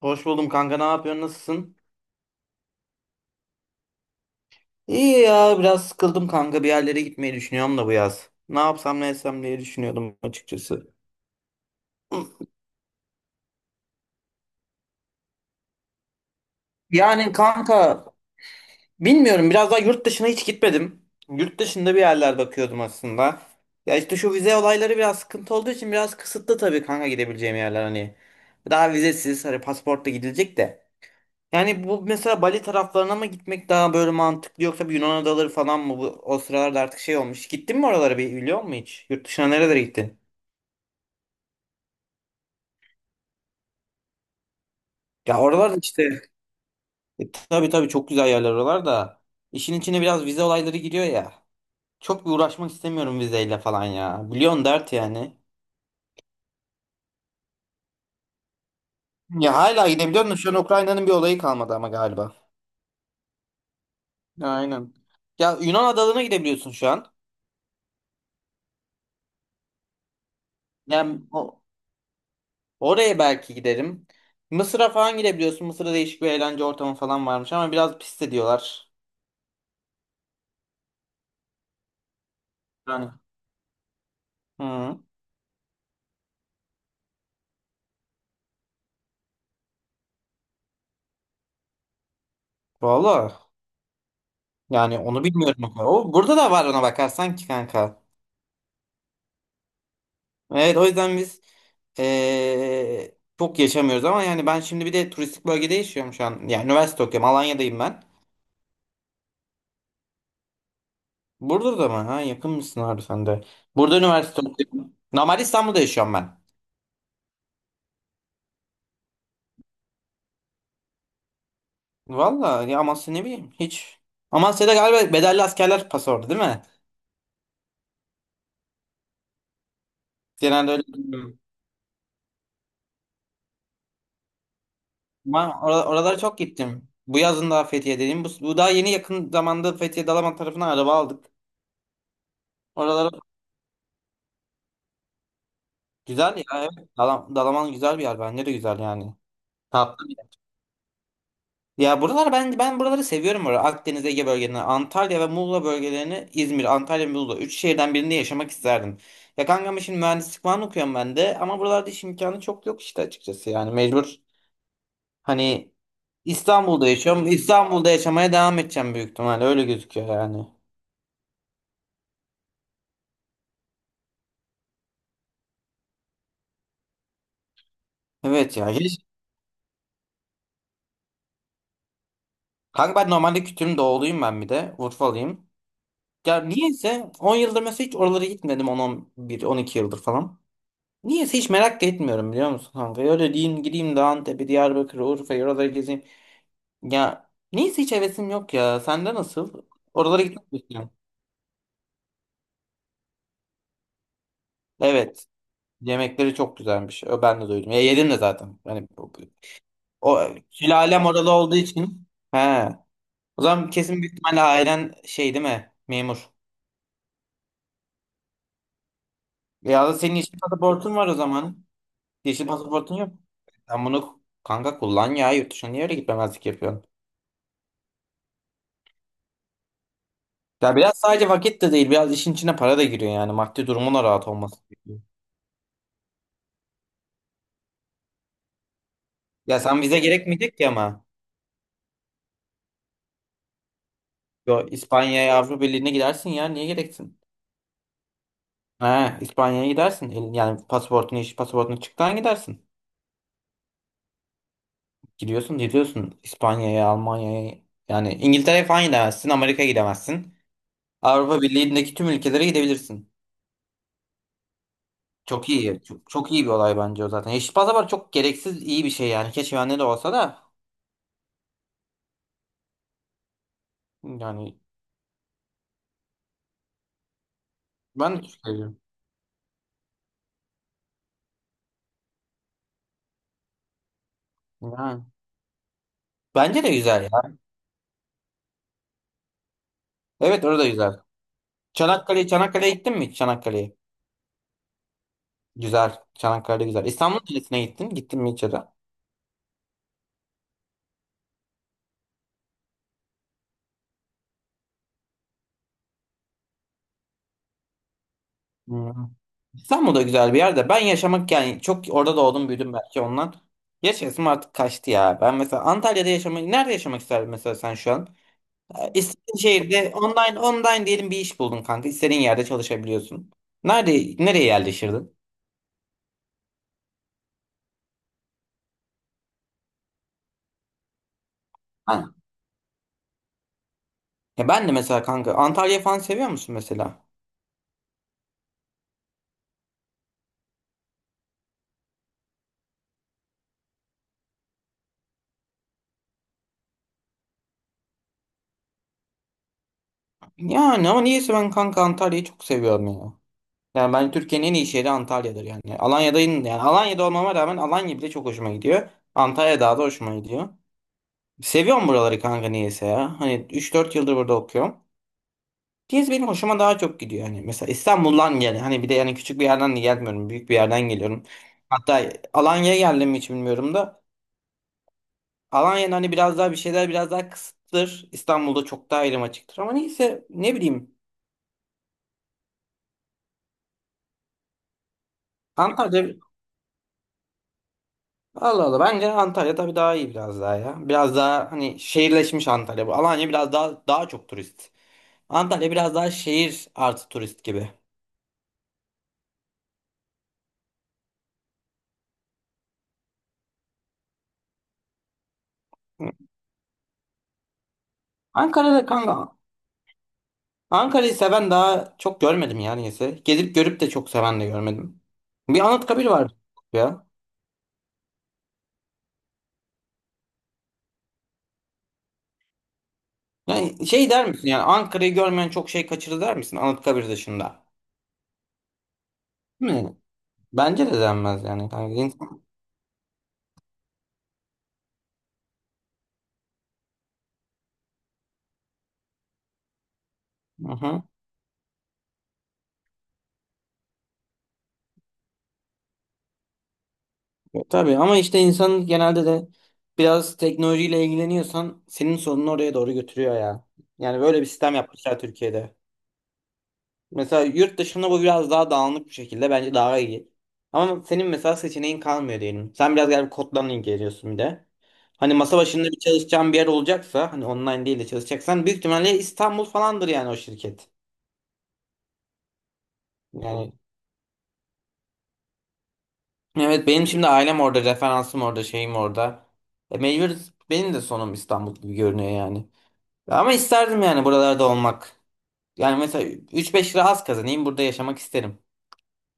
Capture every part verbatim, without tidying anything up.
Hoş buldum kanka. Ne yapıyorsun? Nasılsın? İyi ya. Biraz sıkıldım kanka. Bir yerlere gitmeyi düşünüyorum da bu yaz. Ne yapsam ne etsem diye düşünüyordum açıkçası. Yani kanka bilmiyorum. Biraz daha yurt dışına hiç gitmedim. Yurt dışında bir yerler bakıyordum aslında. Ya işte şu vize olayları biraz sıkıntı olduğu için biraz kısıtlı tabii kanka gidebileceğim yerler hani. Daha vizesiz hani pasaportla gidilecek de. Yani bu mesela Bali taraflarına mı gitmek daha böyle mantıklı, yoksa bir Yunan adaları falan mı, bu o sıralarda artık şey olmuş. Gittin mi oralara, bir biliyor musun hiç? Yurt dışına nerelere gittin? Ya oralar da işte, e, tabii tabii, çok güzel yerler oralar da. İşin içine biraz vize olayları giriyor ya. Çok bir uğraşmak istemiyorum vizeyle falan ya. Biliyorsun, dert yani. Ya hala gidebiliyorsun da, şu an Ukrayna'nın bir olayı kalmadı ama galiba. Aynen. Ya Yunan adalarına gidebiliyorsun şu an. Yani o. Oraya belki giderim. Mısır'a falan gidebiliyorsun. Mısır'da değişik bir eğlence ortamı falan varmış ama biraz pis de diyorlar. Yani. Hı. Valla. Yani onu bilmiyorum. O kadar. O, burada da var ona bakarsan ki kanka. Evet, o yüzden biz ee, çok yaşamıyoruz ama yani ben şimdi bir de turistik bölgede yaşıyorum şu an. Yani üniversite okuyorum. Alanya'dayım ben. Burada mı? Ha, yakın mısın abi sen de? Burada üniversite okuyorum. Normal İstanbul'da yaşıyorum ben. Valla ya, Amasya, ne bileyim hiç. Amasya'da galiba bedelli askerler pası orada değil mi? Genelde öyle, bilmiyorum. Ama or- oralara çok gittim. Bu yazın daha Fethiye dedim. Bu, bu daha yeni, yakın zamanda Fethiye Dalaman tarafına araba aldık. Oralara güzel ya. Evet. Dala- Dalaman güzel bir yer. Bence de güzel yani. Tatlı bir yer. Ya buralar, ben ben buraları seviyorum. Burada. Akdeniz Ege bölgelerini, Antalya ve Muğla bölgelerini, İzmir, Antalya, Muğla. Üç şehirden birinde yaşamak isterdim. Ya kankam, şimdi mühendislik falan okuyorum ben de. Ama buralarda iş imkanı çok yok işte, açıkçası. Yani mecbur. Hani İstanbul'da yaşıyorum. İstanbul'da yaşamaya devam edeceğim büyük ihtimalle. Öyle gözüküyor yani. Evet ya. Hiç. Kanka ben normalde Kütüm doğuluyum ben bir de. Urfalıyım. Ya niyeyse on yıldır mesela hiç oralara gitmedim. On, on bir, on iki yıldır falan. Niyeyse hiç merak da etmiyorum, biliyor musun kanka? Öyle diyeyim, gideyim de Antep'i, Diyarbakır'ı, Urfa'yı, oraları gezeyim. Ya niyeyse hiç hevesim yok ya. Sende nasıl? Oralara gitmek mi istiyorsun? Evet. Yemekleri çok güzelmiş. Ö, Ben de duydum. Ya yedim de zaten. Hani, o sülalem oralı olduğu için. He. O zaman kesin, büyük ihtimalle ailen şey değil mi, memur? Ya da senin yeşil pasaportun var o zaman. Yeşil pasaportun yok. Sen bunu kanka kullan ya, yurt dışına niye öyle gitmemezlik yapıyorsun? Ya biraz sadece vakit de değil, biraz işin içine para da giriyor yani, maddi durumun da rahat olması gerekiyor. Ya sen, vize gerekmeyecek ki ama. Yo, İspanya'ya, Avrupa Birliği'ne gidersin ya, niye gereksin? He, İspanya'ya gidersin. El- Yani pasaportun, yeşil pasaportun çıktığı an gidersin. Gidiyorsun, gidiyorsun İspanya'ya, Almanya'ya, yani İngiltere'ye falan gidemezsin, Amerika'ya gidemezsin. Avrupa Birliği'ndeki tüm ülkelere gidebilirsin. Çok iyi. Çok, çok iyi bir olay bence o zaten. Yeşil pasaport çok gereksiz iyi bir şey yani. Keşke bende de olsa da yani, ben de düşünüyorum. Yani, bence de güzel ya. Evet, orada güzel. Çanakkale, Çanakkale'ye gittin mi hiç? Çanakkale'ye. Güzel. Çanakkale güzel. İstanbul Kalesi'ne gittin. Gittin mi hiç, ya da? Hı. İstanbul da güzel bir yer de, ben yaşamak yani çok, orada doğdum büyüdüm belki ondan. Yaşasım artık kaçtı ya. Ben mesela Antalya'da yaşamak, nerede yaşamak isterdin mesela sen şu an? Ee, İstediğin şehirde, online online diyelim, bir iş buldun kanka. İstediğin yerde çalışabiliyorsun. Nerede, nereye yerleşirdin? Ha. Ya ben de mesela kanka, Antalya falan seviyor musun mesela? Yani ama niyeyse ben kanka Antalya'yı çok seviyorum ya. Yani ben, Türkiye'nin en iyi şehri Antalya'dır yani. Alanya'dayım yani, Alanya'da olmama rağmen Alanya bile çok hoşuma gidiyor. Antalya daha da hoşuma gidiyor. Seviyorum buraları kanka niyeyse ya. Hani üç dört yıldır burada okuyorum. Diyez benim hoşuma daha çok gidiyor. Hani mesela İstanbul'dan gel. Hani bir de, yani küçük bir yerden de gelmiyorum. Büyük bir yerden geliyorum. Hatta Alanya'ya geldim mi hiç bilmiyorum da. Alanya'nın hani, biraz daha bir şeyler biraz daha kısıttır. İstanbul'da çok daha elim açıktır. Ama neyse, ne bileyim. Antalya, Allah Allah, bence Antalya tabii daha iyi, biraz daha ya. Biraz daha hani şehirleşmiş Antalya. Bu Alanya biraz daha daha çok turist. Antalya biraz daha şehir artı turist gibi. Ankara'da kanka, Ankara'yı seven daha çok görmedim ya niyeyse. Gezip görüp de çok seven de görmedim. Bir Anıtkabir var ya. Yani şey, der misin yani, Ankara'yı görmeyen çok şey kaçırır, der misin Anıtkabir dışında mi? Bence de denmez yani. Yani. insan- Aha. Tabii ama işte insan, genelde de biraz teknolojiyle ilgileniyorsan, senin sorununu oraya doğru götürüyor ya. Yani böyle bir sistem yapmışlar Türkiye'de. Mesela yurt dışında bu biraz daha dağınık bir şekilde, bence daha iyi. Ama senin mesela seçeneğin kalmıyor diyelim. Sen biraz galiba kodlarla ilgileniyorsun bir de. Hani masa başında bir çalışacağın bir yer olacaksa, hani online değil de çalışacaksan, büyük ihtimalle İstanbul falandır yani o şirket. Yani evet, benim şimdi ailem orada, referansım orada, şeyim orada. E, mecbur benim de sonum İstanbul gibi görünüyor yani. Ama isterdim yani buralarda olmak. Yani mesela üç beş lira az kazanayım, burada yaşamak isterim.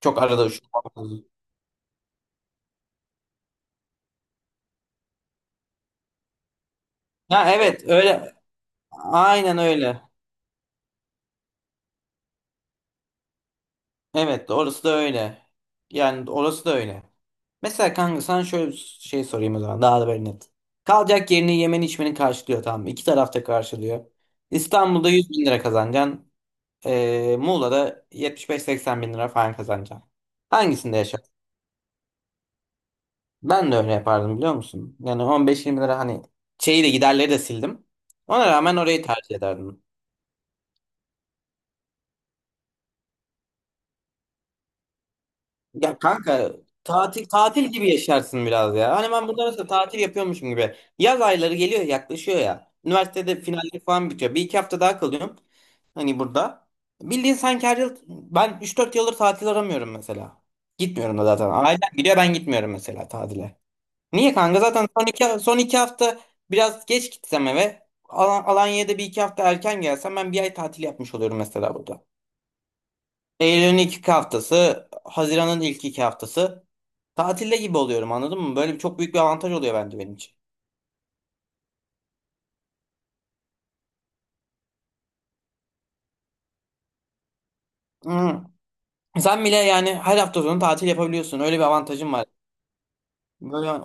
Çok arada uçurmam lazım. Ya evet, öyle. Aynen öyle. Evet, orası da öyle. Yani orası da öyle. Mesela kanka sana şöyle bir şey sorayım o zaman, daha da böyle net. Kalacak yerini, yemeni, içmeni karşılıyor, tamam mı? İki tarafta karşılıyor. İstanbul'da yüz bin lira kazanacaksın. Ee, Muğla'da yetmiş beş seksen bin lira falan kazanacaksın. Hangisinde yaşarsın? Ben de öyle yapardım, biliyor musun? Yani on beş yirmi lira hani, şeyi de giderleri de sildim. Ona rağmen orayı tercih ederdim. Ya kanka tatil tatil gibi yaşarsın biraz ya. Hani ben burada mesela tatil yapıyormuşum gibi. Yaz ayları geliyor, yaklaşıyor ya. Üniversitede finaller falan bitiyor. Bir iki hafta daha kalıyorum. Hani burada. Bildiğin sanki her yıl ben, üç dört yıldır tatil aramıyorum mesela. Gitmiyorum da zaten. Ailem gidiyor, ben gitmiyorum mesela tatile. Niye kanka? Zaten son iki, son iki hafta biraz geç gitsem eve. Al- Alanya'da bir iki hafta erken gelsem, ben bir ay tatil yapmış oluyorum mesela burada. Eylül'ün ilk iki haftası, Haziran'ın ilk iki haftası. Tatilde gibi oluyorum, anladın mı? Böyle bir, çok büyük bir avantaj oluyor bence benim için. Hmm. Sen bile yani her hafta sonu tatil yapabiliyorsun. Öyle bir avantajın var. Böyle,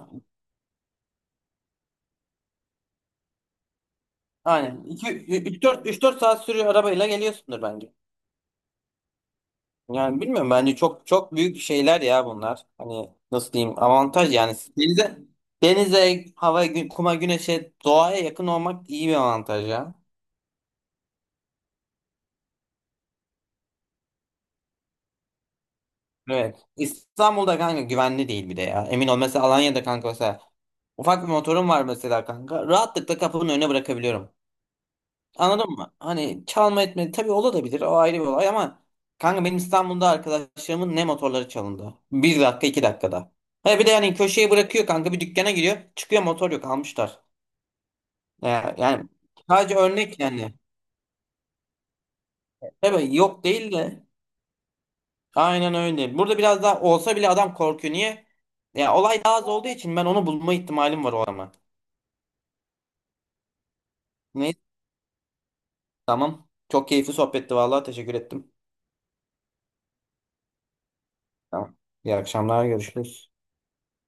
aynen, üç dört üç dört saat sürüyor arabayla geliyorsundur bence. Yani bilmiyorum, bence çok çok büyük şeyler ya bunlar. Hani nasıl diyeyim, avantaj yani, denize denize, hava, gü- kuma, güneşe, doğaya yakın olmak iyi bir avantaj ya. Evet. İstanbul'da kanka güvenli değil bir de ya. Emin ol, mesela Alanya'da kanka, mesela ufak bir motorum var mesela kanka. Rahatlıkla kapının önüne bırakabiliyorum. Anladın mı? Hani çalma etme tabii olabilir, o ayrı bir olay ama, kanka benim İstanbul'da arkadaşlarımın ne motorları çalındı. Bir dakika iki dakikada. He, bir de yani köşeye bırakıyor kanka, bir dükkana giriyor çıkıyor, motor yok, almışlar. Ya- Yani, sadece örnek yani. Tabii yok değil de. Aynen öyle. Burada biraz daha olsa bile adam korkuyor. Niye? Ya olay daha az olduğu için ben onu bulma ihtimalim var o, ama. Neyse, tamam. Çok keyifli sohbetti vallahi, teşekkür ettim. Tamam. İyi akşamlar, görüşürüz.